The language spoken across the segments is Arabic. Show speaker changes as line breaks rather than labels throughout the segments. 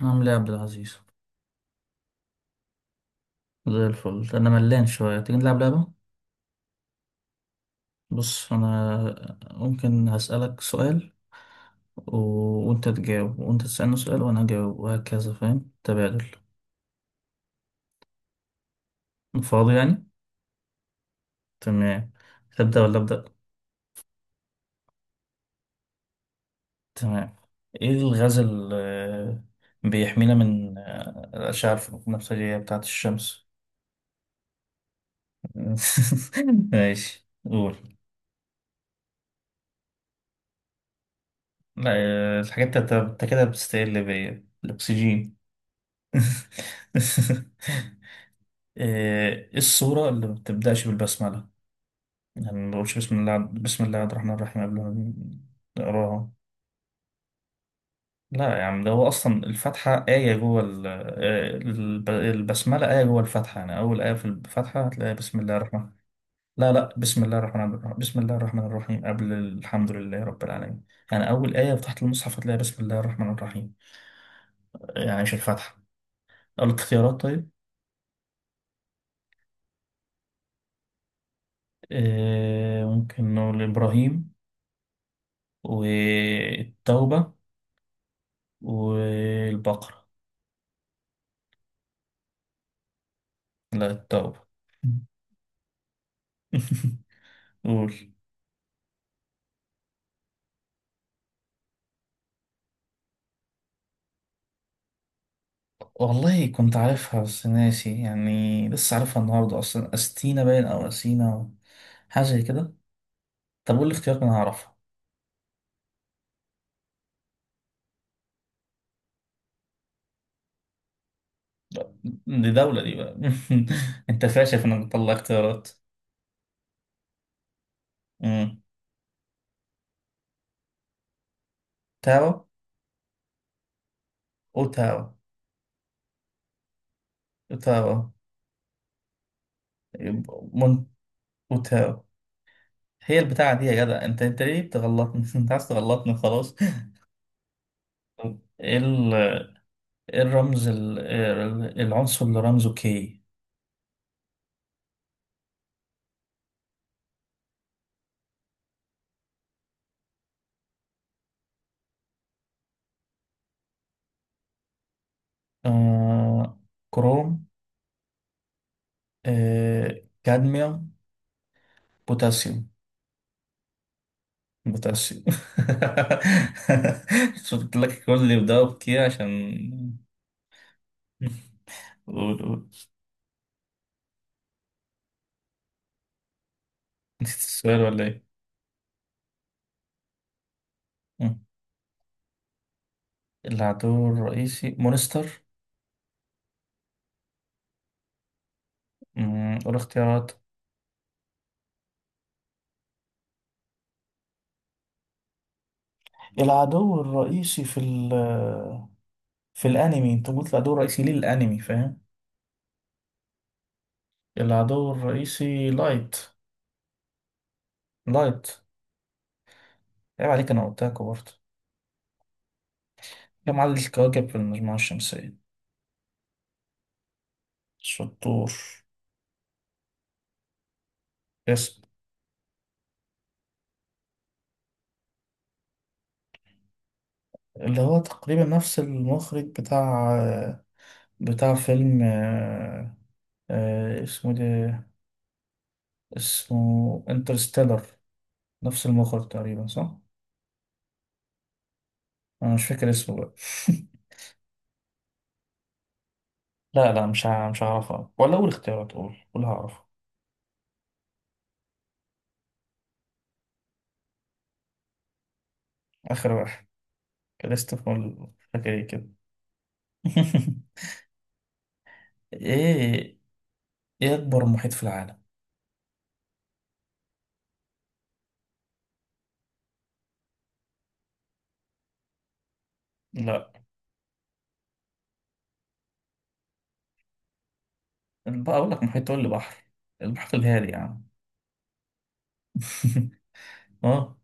عامل ايه يا عبد العزيز؟ زي الفل. انا ملان شويه، تيجي نلعب لعبه؟ بص، انا ممكن هسألك سؤال و... وانت تجاوب، وانت تسألني سؤال وانا اجاوب، وهكذا. فاهم؟ تبادل. فاضي يعني؟ تمام. تبدأ ولا أبدأ؟ تمام. ايه الغاز اللي بيحمينا من الأشعة البنفسجية بتاعة الشمس؟ ماشي، قول. لا. الحاجات انت كده بتستقل بيا، الأكسجين. ايه الصورة اللي ما بتبدأش بالبسملة؟ يعني ما بقولش بسم الله، بسم الله الرحمن الرحيم قبل ما نقراها. لا يا عم، ده هو أصلا الفاتحة آية جوه البسملة، آية جوه الفاتحة. يعني أول آية في الفاتحة هتلاقي بسم الله الرحمن. لا لا، بسم الله الرحمن الرحيم، بسم الله الرحمن الرحيم قبل الحمد لله رب العالمين. يعني أول آية تحت المصحف هتلاقي بسم الله الرحمن الرحيم، يعني مش الفاتحة. الاختيارات، طيب. ممكن نقول إبراهيم والتوبة والبقرة. لا، التوبة. قول. والله كنت عارفها بس ناسي، يعني لسه عارفها النهاردة أصلا، أستينا باين أو أسينا أو حاجة زي كده. طب قول لي اختيارات أنا هعرفها. دي دولة دي بقى. أنت فاشل في إنك تطلع اختيارات. مم. تاو. أوتاو. أوتاو. يبقى مون، أوتاو. هي البتاعة دي يا جدع. أنت ليه بتغلطني؟ أنت عايز تغلطني، خلاص. إيه؟ إيه الرمز العنصر اللي رمزه كي؟ آه، كروم. آه، كادميوم. بوتاسيوم. بوتاسيوم. شو قلت لك؟ كل اللي بدأوا بكي عشان. قول قول. نسيت السؤال ولا ايه؟ مم. العدو الرئيسي مونستر. مم، قول اختيارات. العدو الرئيسي في ال، في الانمي انت قلت العدو الرئيسي للانمي، فاهم. العدو الرئيسي لايت. لايت. عيب عليك، أنا قلتها برضه. كم عدد الكواكب في المجموعة الشمسية؟ شطور. يس. اللي هو تقريبا نفس المخرج بتاع بتاع فيلم اسمه ده، اسمه انترستيلر. نفس المخرج تقريبا، صح؟ أنا مش فاكر اسمه بقى. لا لا، مش هعرفها ولا أول اختيارات، قول قول هعرفها. آخر واحد، كريستوفر. مش فاكر إيه كده. إيه؟ إيه أكبر محيط في العالم؟ لا. بقى أقول لك محيط تقول لي بحر؟ المحيط الهادي يا عم. أه.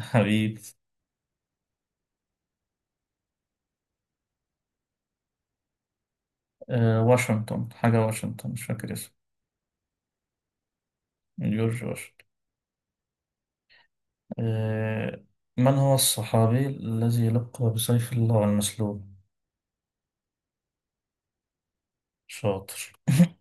حبيبي. آه، واشنطن حاجة، واشنطن مش فاكر اسمه. جورج واشنطن. آه. من هو الصحابي الذي يلقب بسيف الله المسلول؟ شاطر.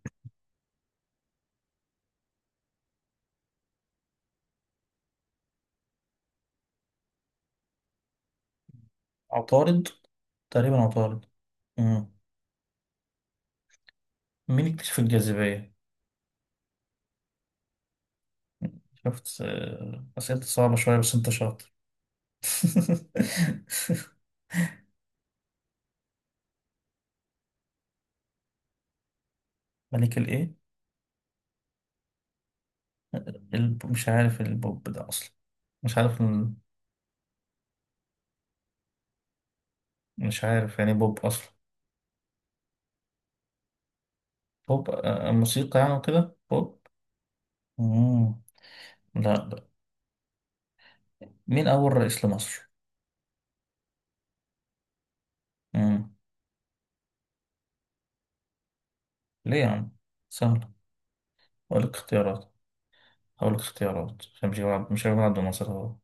عطارد. تقريبا عطارد. مم. مين اكتشف الجاذبية؟ شفت؟ آه، أسئلة صعبة شوية بس أنت شاطر. ملك الإيه؟ مش عارف البوب ده أصلا، مش عارف. مش عارف يعني بوب أصلا. بوب، موسيقى يعني وكده بوب. مم. لا لا. مين أول رئيس لمصر؟ مم. ليه يا عم؟ سهلة. أقول لك اختيارات. أقول لك اختيارات، عشان مش هجيب مش هجيب عبد الناصر هو.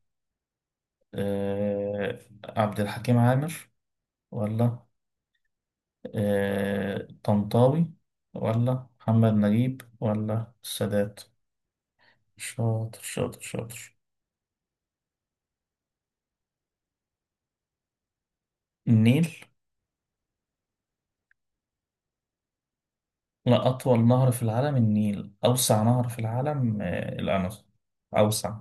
أه... عبد الحكيم عامر ولا طنطاوي ولا محمد نجيب ولا السادات. شاطر شاطر شاطر. النيل. لا، أطول نهر في العالم النيل. أوسع نهر في العالم الأمازون أوسع.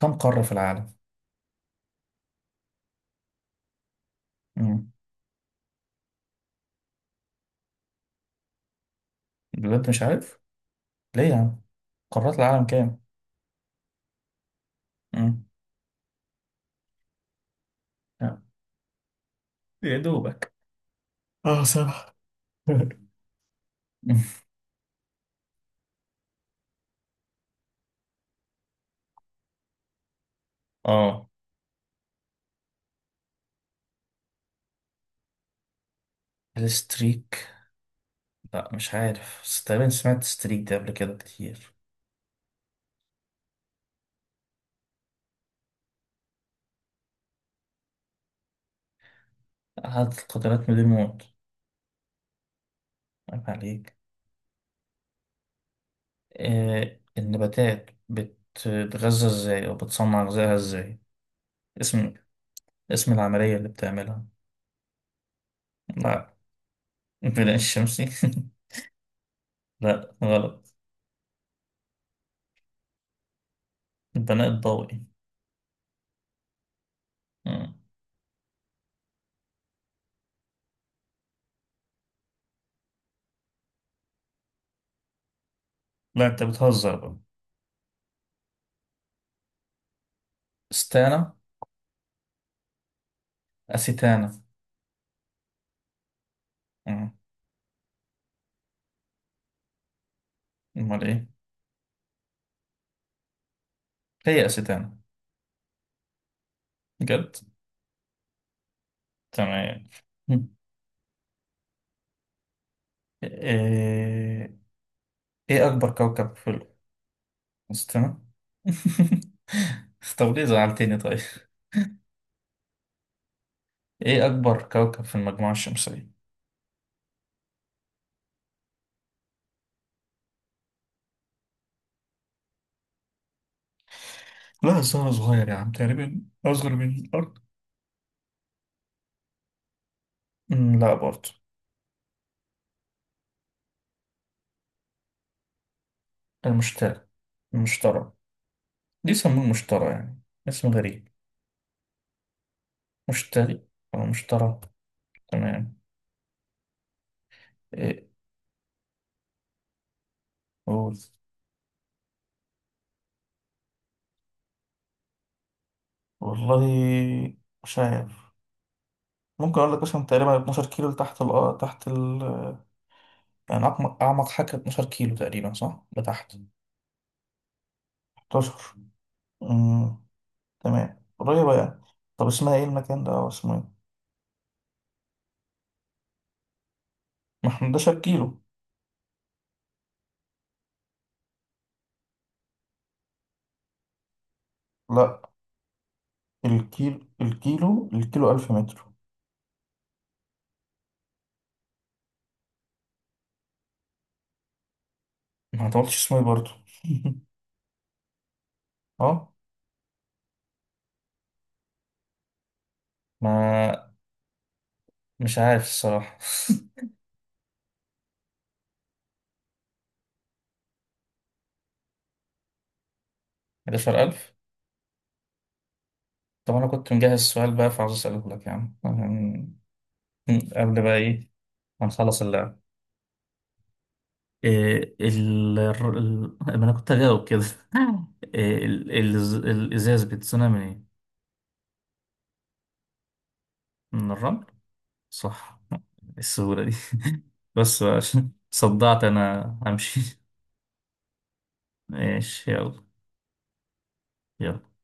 كم قارة في العالم؟ مم. بجد مش عارف؟ ليه يا عم؟ قارات العالم كام؟ مم. آه، يا دوبك. اه صح. مم. اه الستريك. لا مش عارف، بس تقريبا سمعت الستريك ده قبل كده كتير. عدد القطرات من الموت. عيب عليك. آه، النباتات بتتغذى ازاي او بتصنع غذائها ازاي؟ اسم، اسم العملية اللي بتعملها. لا. البناء الشمسي؟ لا غلط. البناء الضوئي. مم. لا انت بتهزر بقى. ستانا. أسيتانا. مم. أمال إيه؟ هي أسيتانا. بجد؟ تمام. مم. إيه؟ إيه أكبر كوكب في ال-؟ استنى. طب ليه زعلتني طيب؟ إيه أكبر كوكب في المجموعة الشمسية؟ لا، الزهرة صغير يا عم، تقريبا أصغر من الأرض. مم، لا برضه. المشتري. المشترى. دي يسموه المشترى يعني. اسم غريب. مشتري أو مشترى. تمام. إيه؟ قول. والله مش عارف. ممكن اقول لك مثلا تقريبا 12 كيلو لتحت ال، تحت ال، يعني اعمق حاجه 12 كيلو تقريبا صح لتحت. 11. امم تمام، قريبه يعني. طب اسمها ايه المكان ده او اسمه ايه؟ ما احنا 11 كيلو. لا، الكيلو 1000 متر. ما انت ما قلتش اسمه ايه برضه. اه. ما، مش عارف الصراحه. 11000. طب انا كنت مجهز السؤال بقى فعاوز اساله لك يا عم عشان. قبل بقى ايه ما نخلص اللعب. إيه ما انا كنت هجاوب كده. إيه الازاز بيتصنع من ايه؟ من الرمل. صح. السهولة دي. بس بقى عشان صدعت انا همشي. ماشي يلا. يلا.